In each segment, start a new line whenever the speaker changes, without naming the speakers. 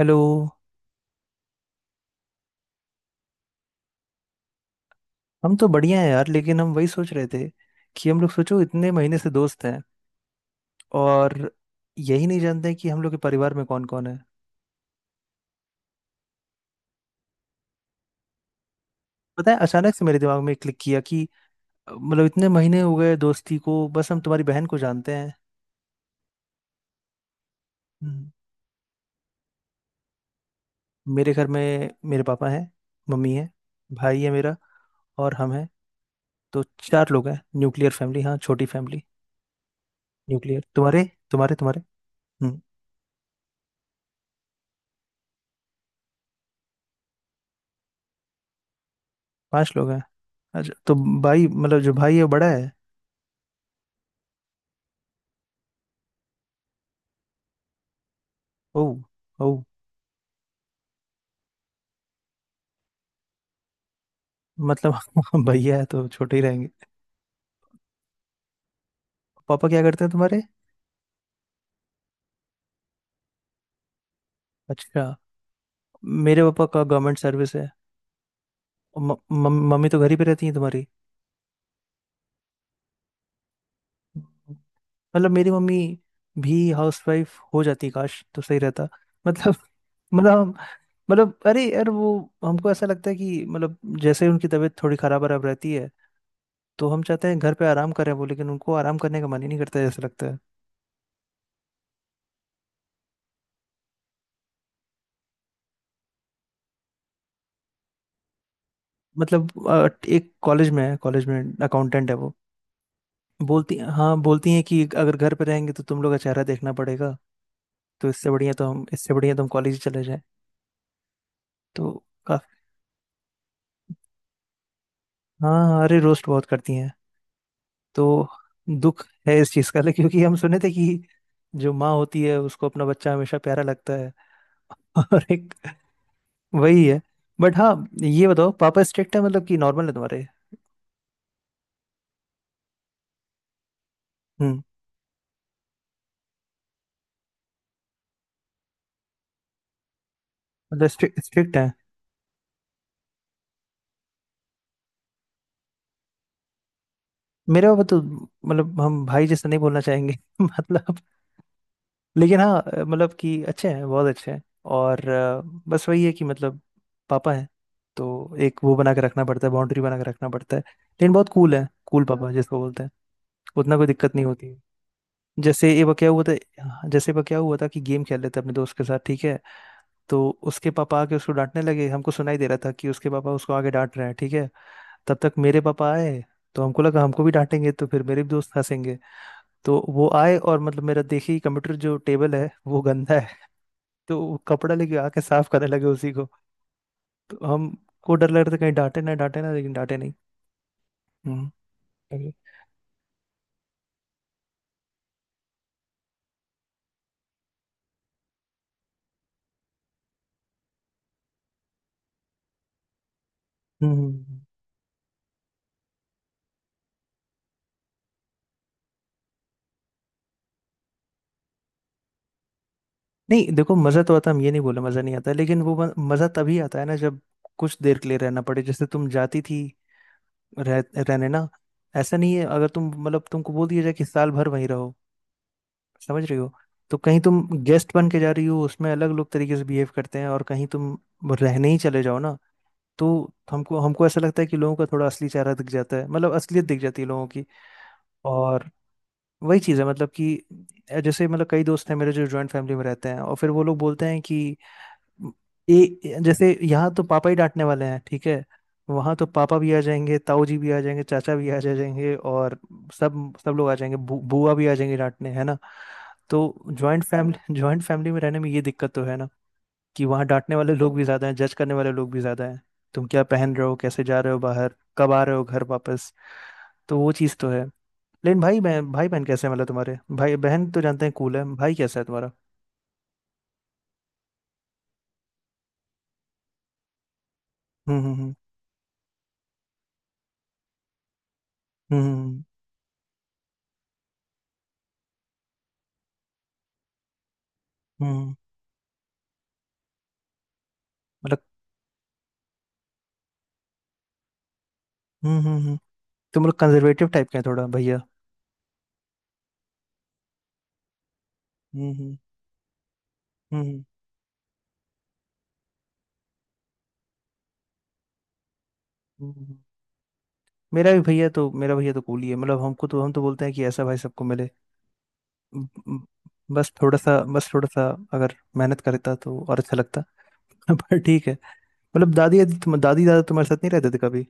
Hello. हम तो बढ़िया हैं यार, लेकिन हम वही सोच रहे थे कि हम लोग सोचो इतने महीने से दोस्त हैं और यही नहीं जानते हैं कि हम लोग के परिवार में कौन कौन है। पता है, अचानक से मेरे दिमाग में क्लिक किया कि मतलब इतने महीने हो गए दोस्ती को, बस हम तुम्हारी बहन को जानते हैं। हम्म। मेरे घर में मेरे पापा हैं, मम्मी है, भाई है मेरा और हम हैं। तो चार लोग हैं, न्यूक्लियर फैमिली, हाँ छोटी फैमिली। न्यूक्लियर तुम्हारे तुम्हारे तुम्हारे। हम्म, पांच लोग हैं। अच्छा तो भाई मतलब जो भाई है वो बड़ा है। ओ। मतलब भैया है तो छोटे ही रहेंगे। पापा क्या करते हैं तुम्हारे? अच्छा, मेरे पापा का गवर्नमेंट सर्विस है। और मम्मी तो घर ही पे रहती है तुम्हारी? मतलब मेरी मम्मी भी हाउसवाइफ हो जाती काश तो सही रहता। मतलब मतलब मतलब अरे यार वो, हमको ऐसा लगता है कि मतलब जैसे उनकी तबीयत थोड़ी खराब खराब रहती है। तो हम चाहते हैं घर पे आराम करें वो, लेकिन उनको आराम करने का मन ही नहीं करता है, ऐसा लगता है। मतलब एक कॉलेज में है, कॉलेज में अकाउंटेंट है वो। बोलती हाँ, बोलती हैं कि अगर घर पे रहेंगे तो तुम लोग का चेहरा देखना पड़ेगा। तो इससे बढ़िया तो हम, इससे बढ़िया तो हम कॉलेज चले जाएं। तो काफी। हाँ हाँ, अरे रोस्ट बहुत करती हैं। तो दुख है इस चीज़ का लेकिन क्योंकि हम सुने थे कि जो माँ होती है उसको अपना बच्चा हमेशा प्यारा लगता है। और एक वही है। बट हाँ, ये बताओ पापा स्ट्रिक्ट है मतलब कि नॉर्मल है तुम्हारे? हम्म। मतलब स्ट्रिक्ट स्ट्रिक्ट है। मेरे पापा तो मतलब हम भाई जैसा नहीं बोलना चाहेंगे मतलब लेकिन हाँ मतलब कि अच्छे हैं बहुत अच्छे हैं। और बस वही है कि मतलब पापा हैं। तो एक वो बना के रखना पड़ता है, बाउंड्री बना के रखना पड़ता है, लेकिन बहुत कूल है, कूल पापा जिसको बोलते हैं। उतना कोई दिक्कत नहीं होती है। जैसे एक बार क्या हुआ था। हाँ, जैसे एक बार क्या हुआ था कि गेम खेल रहे थे अपने दोस्त के साथ, ठीक है। तो उसके पापा आके उसको डांटने लगे, हमको सुनाई दे रहा था कि उसके पापा उसको आगे डांट रहे हैं, ठीक है। तब तक मेरे पापा आए। तो हमको लगा हमको भी डांटेंगे तो फिर मेरे भी दोस्त हंसेंगे। तो वो आए और मतलब मेरा देखिए कंप्यूटर जो टेबल है वो गंदा है। तो वो कपड़ा लेके आके साफ करने लगे उसी को। तो हमको डर लग रहा था कहीं डांटे ना, डांटे ना, लेकिन डांटे नहीं। हम्म। अरे। हम्म। नहीं देखो, मजा तो आता है, हम ये नहीं बोले मजा नहीं आता है, लेकिन वो मजा तभी आता है ना जब कुछ देर के लिए रहना पड़े, जैसे तुम जाती थी। रहने ना। ऐसा नहीं है, अगर तुम मतलब तुमको बोल दिया जाए कि साल भर वहीं रहो, समझ रही हो। तो कहीं तुम गेस्ट बन के जा रही हो उसमें अलग लोग तरीके से बिहेव करते हैं और कहीं तुम रहने ही चले जाओ ना। तो हमको हमको ऐसा लगता है कि लोगों का थोड़ा असली चेहरा दिख जाता है, मतलब असलियत दिख जाती है लोगों की। और वही चीज़ है मतलब कि जैसे मतलब कई दोस्त हैं मेरे जो जॉइंट फैमिली में रहते हैं और फिर वो लोग बोलते हैं कि जैसे यहाँ तो पापा ही डांटने वाले हैं, ठीक है। वहाँ तो पापा भी आ जाएंगे, ताऊ जी भी आ जाएंगे, चाचा भी आ जाएंगे और सब सब लोग आ जाएंगे, बुआ भी आ जाएंगे डांटने, है ना। तो जॉइंट फैमिली, जॉइंट फैमिली में रहने में ये दिक्कत तो है ना कि वहाँ डांटने वाले लोग भी ज्यादा हैं, जज करने वाले लोग भी ज्यादा हैं। तुम क्या पहन रहे हो, कैसे जा रहे हो बाहर, कब आ रहे हो घर वापस। तो वो चीज़ तो है। लेकिन भाई बहन, भाई बहन कैसे हैं मतलब तुम्हारे? भाई बहन तो जानते हैं, कूल है, भाई कैसा है तुम्हारा? हम्म हम्म हम्म हम्म हम्म हम्म, हम्म, मतलब हम्म हम्म हम्म। तुम लोग कंजर्वेटिव टाइप के हैं थोड़ा भैया? हम्म हम्म हम्म हम्म, हम्म। मेरा भी भैया तो, मेरा भैया तो कूल ही है, मतलब हमको तो, हम तो बोलते हैं कि ऐसा भाई सबको मिले। ब- ब- बस थोड़ा सा, बस थोड़ा सा अगर मेहनत करता तो और अच्छा लगता। पर ठीक है। मतलब दादी दादी दादी दादा तुम्हारे साथ नहीं रहते थे कभी?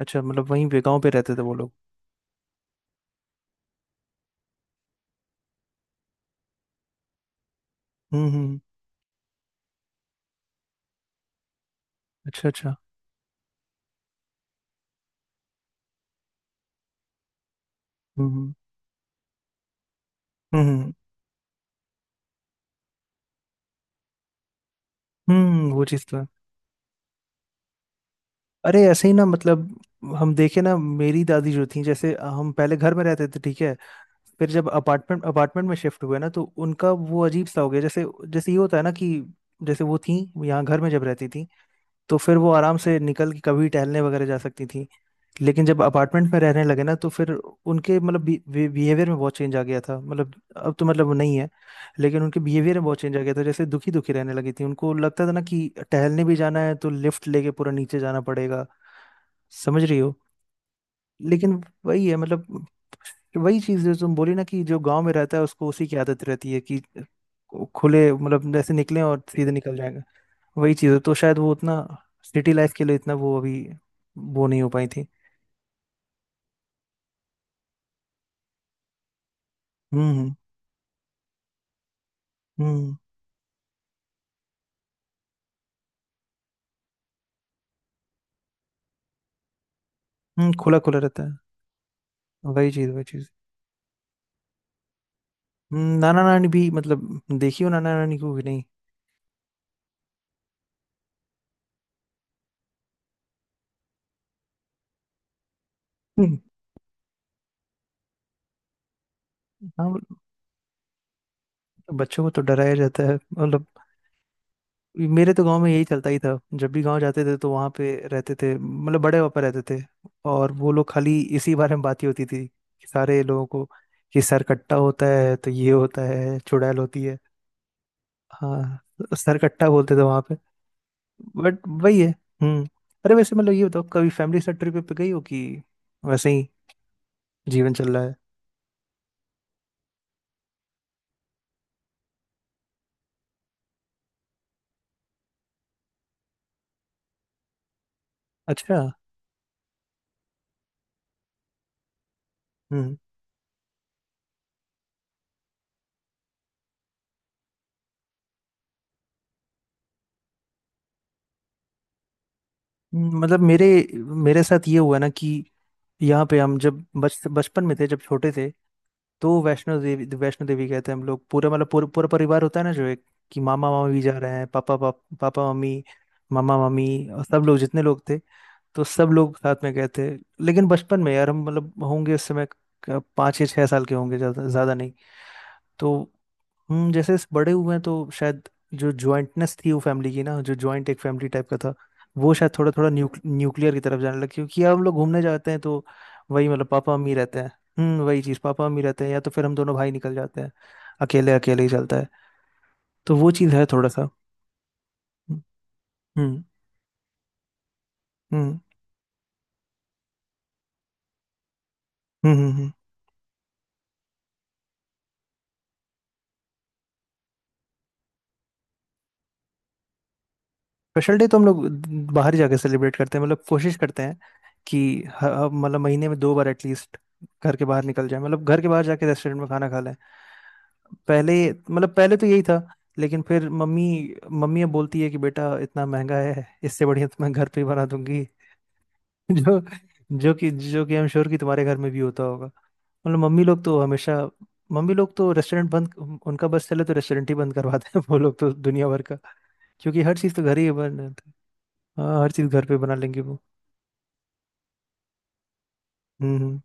अच्छा, मतलब वहीं पे गाँव पे रहते थे वो लोग। हम्म हम्म हम्म। अच्छा अच्छा। हम्म हम्म हम्म वो चीज़ तो है। अरे ऐसे ही ना मतलब, हम देखे ना मेरी दादी जो थी, जैसे हम पहले घर में रहते थे, ठीक है। फिर जब अपार्टमेंट, अपार्टमेंट में शिफ्ट हुए ना तो उनका वो अजीब सा हो गया। जैसे, जैसे ये होता है ना कि जैसे वो थी, यहाँ घर में जब रहती थी तो फिर वो आराम से निकल के कभी टहलने वगैरह जा सकती थी। लेकिन जब अपार्टमेंट में रहने लगे ना तो फिर उनके मतलब बिहेवियर में बहुत चेंज आ गया था, मतलब अब तो मतलब वो नहीं है। लेकिन उनके बिहेवियर में बहुत चेंज आ गया था, जैसे दुखी दुखी रहने लगी थी, उनको लगता था ना कि टहलने भी जाना है तो लिफ्ट लेके पूरा नीचे जाना पड़ेगा, समझ रही हो। लेकिन वही है मतलब, वही चीज जो तुम बोली ना कि जो गांव में रहता है उसको उसी की आदत रहती है कि खुले, मतलब जैसे निकलें और सीधे निकल जाएंगे। वही चीज है, तो शायद वो उतना सिटी लाइफ के लिए इतना वो अभी वो नहीं हो पाई थी। हम्म हम्म हम्म। हम्म, खुला खुला रहता है। वही चीज, वही चीज। नाना नानी भी मतलब देखी हो नाना नानी को कि नहीं? हम्म, हाँ मतलब बच्चों को तो डराया जाता है मतलब। मेरे तो गांव में यही चलता ही था, जब भी गांव जाते थे तो वहां पे रहते थे मतलब बड़े पापा रहते थे। और वो लोग खाली इसी बारे में बात ही होती थी कि सारे लोगों को कि सर कट्टा होता है तो ये होता है, चुड़ैल होती है। हाँ सर कट्टा बोलते थे वहां पे। बट वही है। हम्म। अरे वैसे मतलब ये बताओ कभी फैमिली से ट्रिप पे गई हो कि वैसे ही जीवन चल रहा है। अच्छा। हम्म मतलब मेरे, साथ ये हुआ ना कि यहाँ पे हम जब बच बचपन में थे, जब छोटे थे तो वैष्णो देवी, वैष्णो देवी गए थे हम लोग, पूरा मतलब पूरा पूरा परिवार होता है ना जो एक, कि मामा मामी भी जा रहे हैं, पापा मम्मी, मामा मामी और सब लोग जितने लोग थे, तो सब लोग साथ में गए थे। लेकिन बचपन में यार हम मतलब होंगे उस समय पाँच या छह साल के होंगे, ज़्यादा ज़्यादा नहीं। तो हम जैसे इस बड़े हुए हैं तो शायद जो ज्वाइंटनेस थी वो फैमिली की ना, जो ज्वाइंट एक फैमिली टाइप का था, वो शायद थोड़ा थोड़ा न्यूक्लियर की तरफ जाने लगा, क्योंकि अब हम लोग घूमने जाते हैं तो वही मतलब पापा मम्मी रहते हैं। हम्म, वही चीज़ पापा मम्मी रहते हैं या तो फिर हम दोनों भाई निकल जाते हैं। अकेले, अकेले ही चलता है। तो वो चीज़ है थोड़ा सा। हम्म हम्म हम्म हम्म हम्म, स्पेशल डे तो हम लोग बाहर ही जाके सेलिब्रेट करते हैं मतलब कोशिश करते हैं कि मतलब महीने में दो बार एटलीस्ट घर के बाहर निकल जाए, मतलब घर के बाहर जाके रेस्टोरेंट में खाना खा लें। पहले, मतलब पहले तो यही था। लेकिन फिर मम्मी, मम्मी अब बोलती है कि बेटा इतना महंगा है, इससे बढ़िया तो मैं घर पे ही बना दूंगी। जो, जो कि आई एम श्योर कि तुम्हारे घर में भी होता होगा। मतलब मम्मी लोग तो हमेशा, मम्मी लोग तो रेस्टोरेंट बंद, उनका बस चले तो रेस्टोरेंट ही बंद करवाते हैं वो लोग, तो दुनिया भर का, क्योंकि हर चीज़ तो घर ही बन, हाँ हर चीज घर पे बना लेंगे वो। हम्म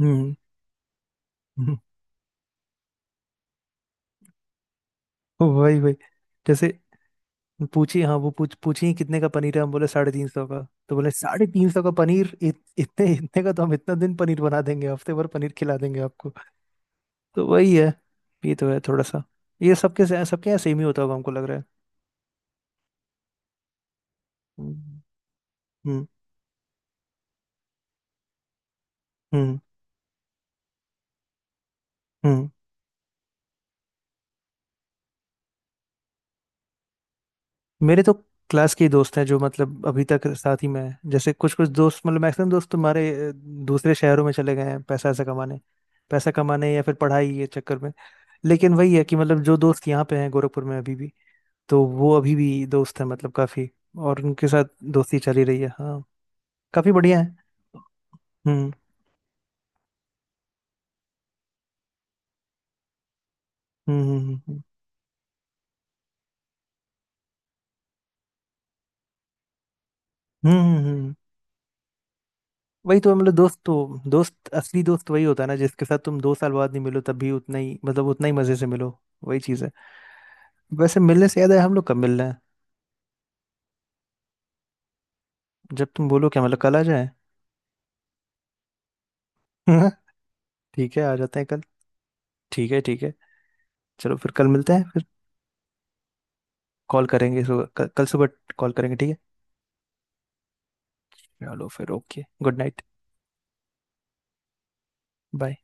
हम्म हम्म, वही वही। जैसे पूछी हाँ, वो पूछ पूछी, "ये कितने का पनीर है?" हम बोले साढ़े तीन सौ का। तो बोले साढ़े तीन सौ का पनीर, इतने इतने का तो हम इतना दिन पनीर बना देंगे, हफ्ते भर पनीर खिला देंगे आपको। तो वही है, ये तो है थोड़ा सा। ये सबके सबके यहाँ सेम ही होता होगा, हमको लग रहा है। हम्म हम्म हम्म। मेरे तो क्लास के ही दोस्त हैं जो मतलब अभी तक साथ ही में हैं, जैसे कुछ कुछ दोस्त मतलब मैक्सिमम दोस्त तुम्हारे दूसरे शहरों में चले गए हैं पैसा ऐसा कमाने, पैसा कमाने या फिर पढ़ाई के चक्कर में। लेकिन वही है कि मतलब जो दोस्त यहाँ पे हैं गोरखपुर में अभी भी, तो वो अभी भी दोस्त हैं मतलब काफी। और उनके साथ दोस्ती चली रही है, हाँ काफी बढ़िया है। हम्म हम्म हम्म हम्म हम्म हम्म, हम्म, हम्म। वही तो है, मतलब दोस्त तो दोस्त, असली दोस्त वही होता है ना जिसके साथ तुम दो साल बाद नहीं मिलो तब भी उतना ही, मतलब उतना ही मजे से मिलो। वही चीज है। वैसे मिलने से याद है हम लोग कब मिलना है। जब तुम बोलो क्या, मतलब कल आ जाए? ठीक है, आ जाते हैं कल। ठीक है, ठीक है। चलो फिर कल मिलते हैं फिर। कॉल करेंगे सुबह कल, कल सुबह कॉल करेंगे, ठीक है। चलो फिर, ओके, गुड नाइट। बाय।